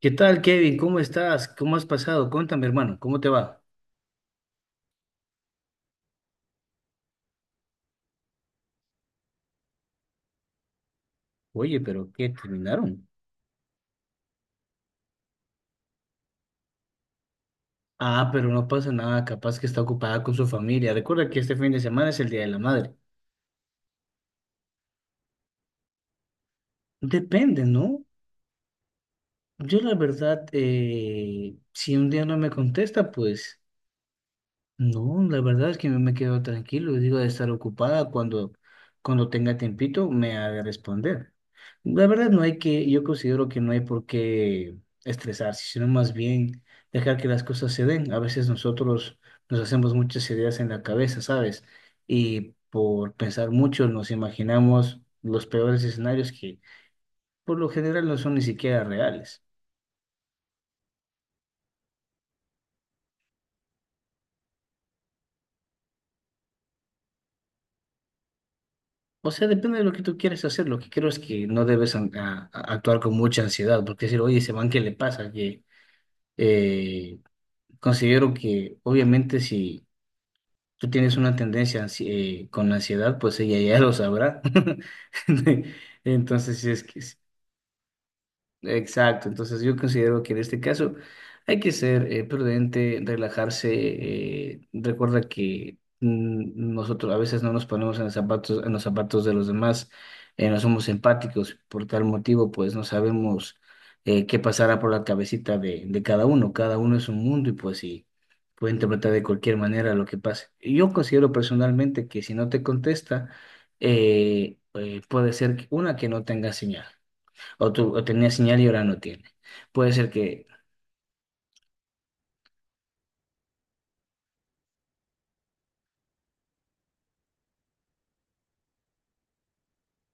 ¿Qué tal, Kevin? ¿Cómo estás? ¿Cómo has pasado? Cuéntame, hermano, ¿cómo te va? Oye, pero ¿qué terminaron? Ah, pero no pasa nada, capaz que está ocupada con su familia. Recuerda que este fin de semana es el Día de la Madre. Depende, ¿no? Yo la verdad, si un día no me contesta, pues... No, la verdad es que me quedo tranquilo, digo de estar ocupada cuando, cuando tenga tiempito me haga responder. La verdad no hay que, yo considero que no hay por qué estresarse, sino más bien dejar que las cosas se den. A veces nosotros nos hacemos muchas ideas en la cabeza, ¿sabes? Y por pensar mucho nos imaginamos los peores escenarios que por lo general no son ni siquiera reales. O sea, depende de lo que tú quieras hacer. Lo que creo es que no debes actuar con mucha ansiedad, porque decir, oye, ese man, ¿qué le pasa? Que eh, considero que, obviamente, si tú tienes una tendencia con ansiedad, pues ella ya lo sabrá. Entonces, sí es que, si Exacto, entonces yo considero que en este caso hay que ser prudente, relajarse. Recuerda que nosotros a veces no nos ponemos en los zapatos, de los demás, no somos empáticos, por tal motivo pues no sabemos qué pasará por la cabecita de cada uno. Cada uno es un mundo y pues sí, puede interpretar de cualquier manera lo que pase. Yo considero personalmente que si no te contesta, puede ser una que no tenga señal. O, o tenía señal y ahora no tiene. Puede ser que,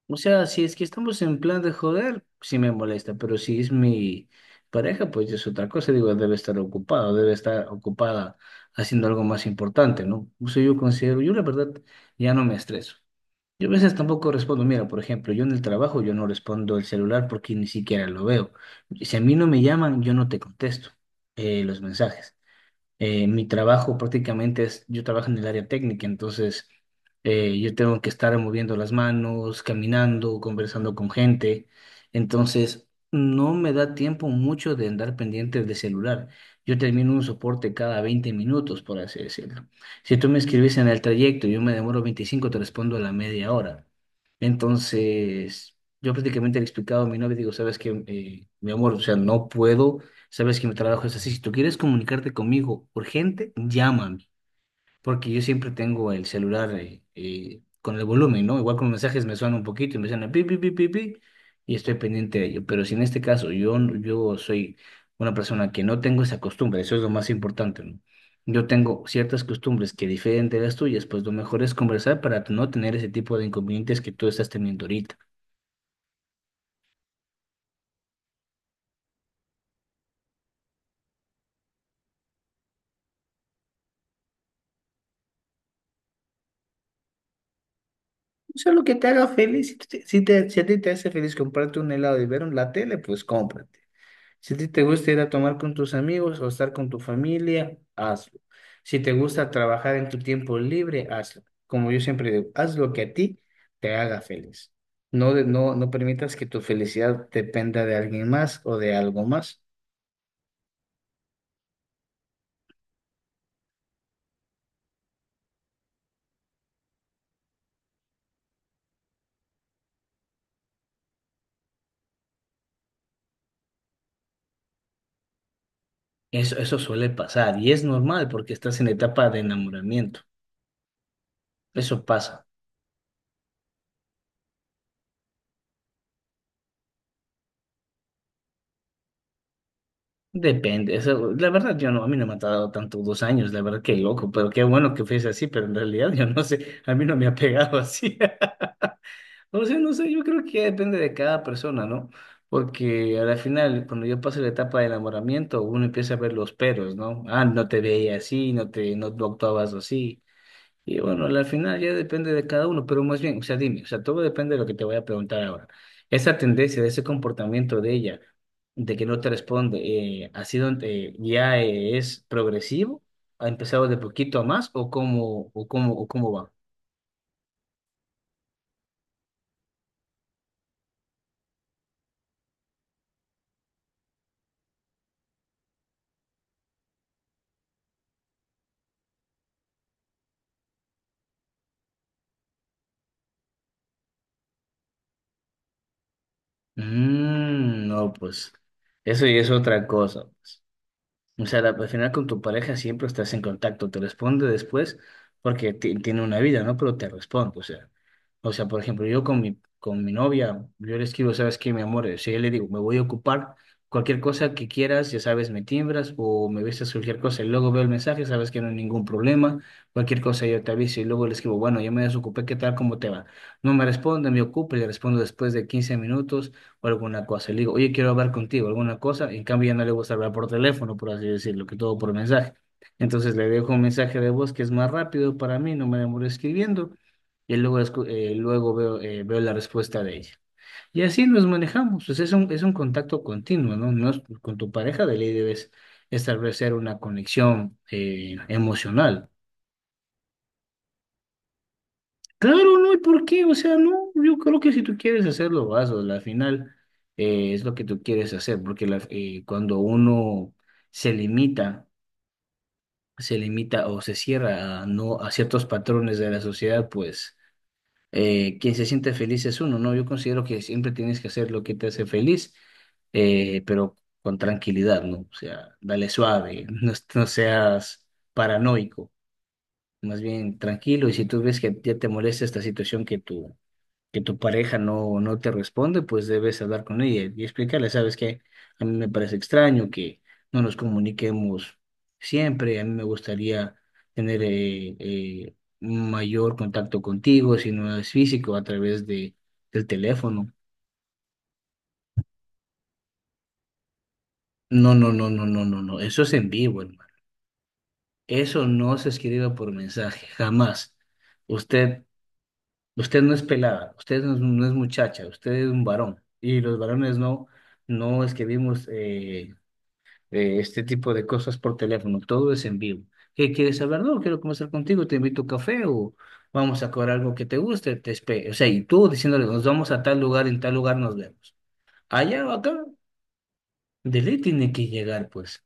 o sea, si es que estamos en plan de joder, sí me molesta, pero si es mi pareja, pues es otra cosa. Digo, debe estar ocupado, debe estar ocupada haciendo algo más importante, ¿no? Eso yo considero, yo la verdad ya no me estreso. Yo a veces tampoco respondo, mira, por ejemplo, yo en el trabajo yo no respondo el celular porque ni siquiera lo veo. Si a mí no me llaman, yo no te contesto los mensajes. Mi trabajo prácticamente es, yo trabajo en el área técnica, entonces yo tengo que estar moviendo las manos, caminando, conversando con gente, entonces no me da tiempo mucho de andar pendiente del celular. Yo termino un soporte cada 20 minutos, por así decirlo. Si tú me escribes en el trayecto, yo me demoro 25, te respondo a la media hora. Entonces, yo prácticamente le he explicado a mi novia, digo, ¿sabes qué? Mi amor, o sea, no puedo. Sabes que mi trabajo es así. Si tú quieres comunicarte conmigo urgente, llámame, porque yo siempre tengo el celular con el volumen, ¿no? Igual con los mensajes me suena un poquito y me suena pi, pi, pi, pi, pi, y estoy pendiente de ello. Pero si en este caso yo soy una persona que no tengo esa costumbre, eso es lo más importante, ¿no? Yo tengo ciertas costumbres que difieren de las tuyas, pues lo mejor es conversar para no tener ese tipo de inconvenientes que tú estás teniendo ahorita. O sea, lo que te haga feliz, si a ti te hace feliz comprarte un helado y ver la tele, pues cómprate. Si a ti te gusta ir a tomar con tus amigos o estar con tu familia, hazlo. Si te gusta trabajar en tu tiempo libre, hazlo. Como yo siempre digo, haz lo que a ti te haga feliz. No, no permitas que tu felicidad dependa de alguien más o de algo más. Eso suele pasar y es normal porque estás en etapa de enamoramiento. Eso pasa. Depende, eso, la verdad yo no, a mí no me ha tardado tanto 2 años, la verdad que loco, pero qué bueno que fuese así, pero en realidad yo no sé, a mí no me ha pegado así. No sé, no sé, yo creo que depende de cada persona, ¿no? Porque al final, cuando yo paso la etapa de enamoramiento, uno empieza a ver los peros, ¿no? Ah, no te veía así, no te, no, no actuabas así. Y bueno, al final ya depende de cada uno, pero más bien, o sea, dime, o sea, todo depende de lo que te voy a preguntar ahora. Esa tendencia, de ese comportamiento de ella, de que no te responde, ¿ha sido, es progresivo? ¿Ha empezado de poquito a más o cómo, o cómo va? Mm, no, pues, eso y es otra cosa, pues. O sea, al final con tu pareja siempre estás en contacto, te responde después porque tiene una vida, ¿no? Pero te responde, o sea. O sea, por ejemplo, yo con mi novia, yo le escribo, ¿sabes qué, mi amor? O sea, yo le digo, me voy a ocupar cualquier cosa que quieras, ya sabes, me timbras o me avisas cualquier cosa y luego veo el mensaje, sabes que no hay ningún problema, cualquier cosa yo te aviso y luego le escribo, bueno, yo me desocupé, ¿qué tal? ¿Cómo te va? No me responde, me ocupo y le respondo después de 15 minutos o alguna cosa. Le digo, oye, quiero hablar contigo, alguna cosa. En cambio, ya no le gusta hablar por teléfono, por así decirlo, que todo por mensaje. Entonces le dejo un mensaje de voz que es más rápido para mí, no me demoro escribiendo. Y luego, luego veo, veo la respuesta de ella. Y así nos manejamos. Pues es un contacto continuo, ¿no? Con tu pareja de ley debes establecer una conexión emocional. Claro, no hay por qué, o sea, no, yo creo que si tú quieres hacerlo, hazlo, al final es lo que tú quieres hacer, porque cuando uno se limita, se limita o se cierra a, no, a ciertos patrones de la sociedad, pues quien se siente feliz es uno, ¿no? Yo considero que siempre tienes que hacer lo que te hace feliz, pero con tranquilidad, ¿no? O sea, dale suave, no seas paranoico, más bien tranquilo, y si tú ves que ya te molesta esta situación que tu pareja no, no te responde, pues debes hablar con ella y explicarle, ¿sabes qué? A mí me parece extraño que no nos comuniquemos siempre, a mí me gustaría tener un mayor contacto contigo, si no es físico, a través de, del teléfono. No, no, no, no, no, no, no, eso es en vivo, hermano. Eso no se escribe por mensaje, jamás. Usted, usted no es pelada, usted no es muchacha, usted es un varón y los varones no escribimos este tipo de cosas por teléfono, todo es en vivo. ¿Qué quieres saber? No, quiero conversar contigo, te invito a café o vamos a comer algo que te guste, o sea, y tú diciéndole, nos vamos a tal lugar, en tal lugar nos vemos. Allá o acá, de ley tiene que llegar, pues.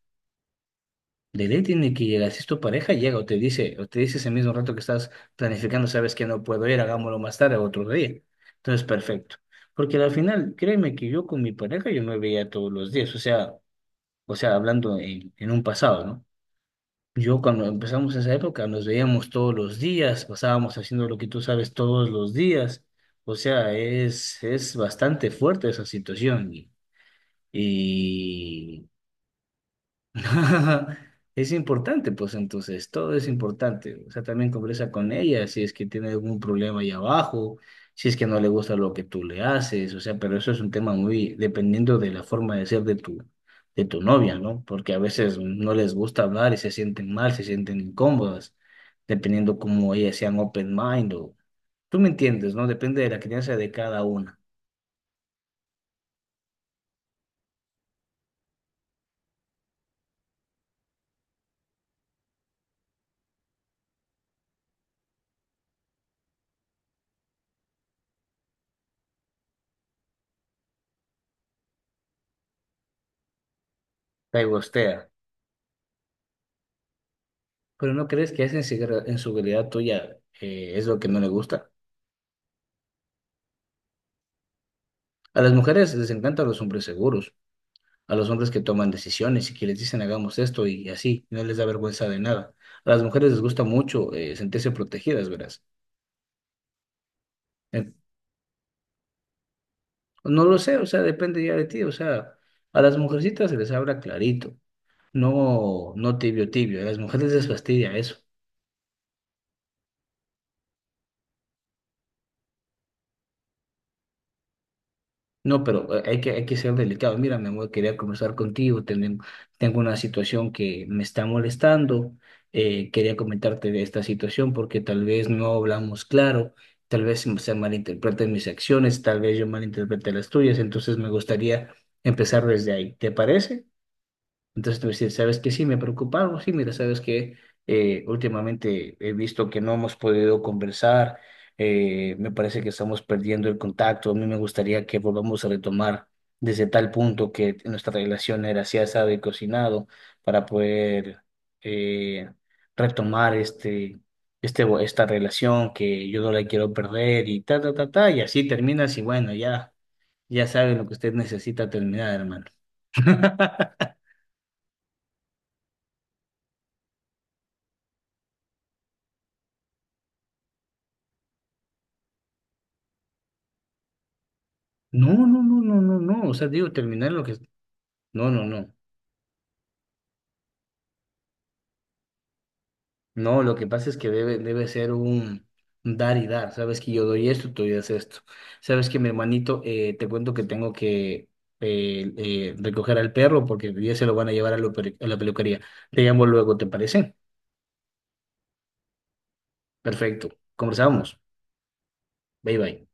De ley tiene que llegar. Si es tu pareja, llega o te dice ese mismo rato que estás planificando, sabes que no puedo ir, hagámoslo más tarde otro día. Entonces, perfecto. Porque al final, créeme que yo con mi pareja yo me veía todos los días, o sea, hablando en un pasado, ¿no? Yo cuando empezamos esa época nos veíamos todos los días, pasábamos haciendo lo que tú sabes todos los días. O sea, es bastante fuerte esa situación. Y, es importante, pues entonces, todo es importante. O sea, también conversa con ella si es que tiene algún problema ahí abajo, si es que no le gusta lo que tú le haces, o sea, pero eso es un tema muy dependiendo de la forma de ser de tu novia, ¿no? Porque a veces no les gusta hablar y se sienten mal, se sienten incómodas, dependiendo cómo ellas sean open mind o... Tú me entiendes, ¿no? Depende de la crianza de cada una. Te gustea. Pero ¿no crees que esa inseguridad tuya es lo que no le gusta? A las mujeres les encantan los hombres seguros, a los hombres que toman decisiones y que les dicen hagamos esto y así, no les da vergüenza de nada. A las mujeres les gusta mucho sentirse protegidas, verás. En- no lo sé, o sea, depende ya de ti, o sea, a las mujercitas se les habla clarito, no, no tibio, tibio, a las mujeres les fastidia eso. No, pero hay que ser delicado. Mira, mi amor, quería conversar contigo. Tengo una situación que me está molestando. Quería comentarte de esta situación porque tal vez no hablamos claro, tal vez se malinterpreten mis acciones, tal vez yo malinterprete las tuyas. Entonces me gustaría empezar desde ahí. ¿Te parece? Entonces te voy a decir, ¿sabes qué? Sí, me preocupa algo. Sí, mira, ¿sabes que últimamente he visto que no hemos podido conversar? Me parece que estamos perdiendo el contacto. A mí me gustaría que volvamos a retomar desde tal punto que nuestra relación era así asado y cocinado para poder eh, retomar esta relación que yo no la quiero perder y ta, ta, ta, ta. Y así terminas y bueno, ya, ya sabes lo que usted necesita terminar, hermano. No, no, no, no, no, no. O sea, digo, terminar lo que... No, no, no. No, lo que pasa es que debe ser un dar y dar. Sabes que yo doy esto, tú das esto. Sabes que mi hermanito, te cuento que tengo que recoger al perro porque ya se lo van a llevar a la peluquería. Te llamo luego, ¿te parece? Perfecto. Conversamos. Bye, bye.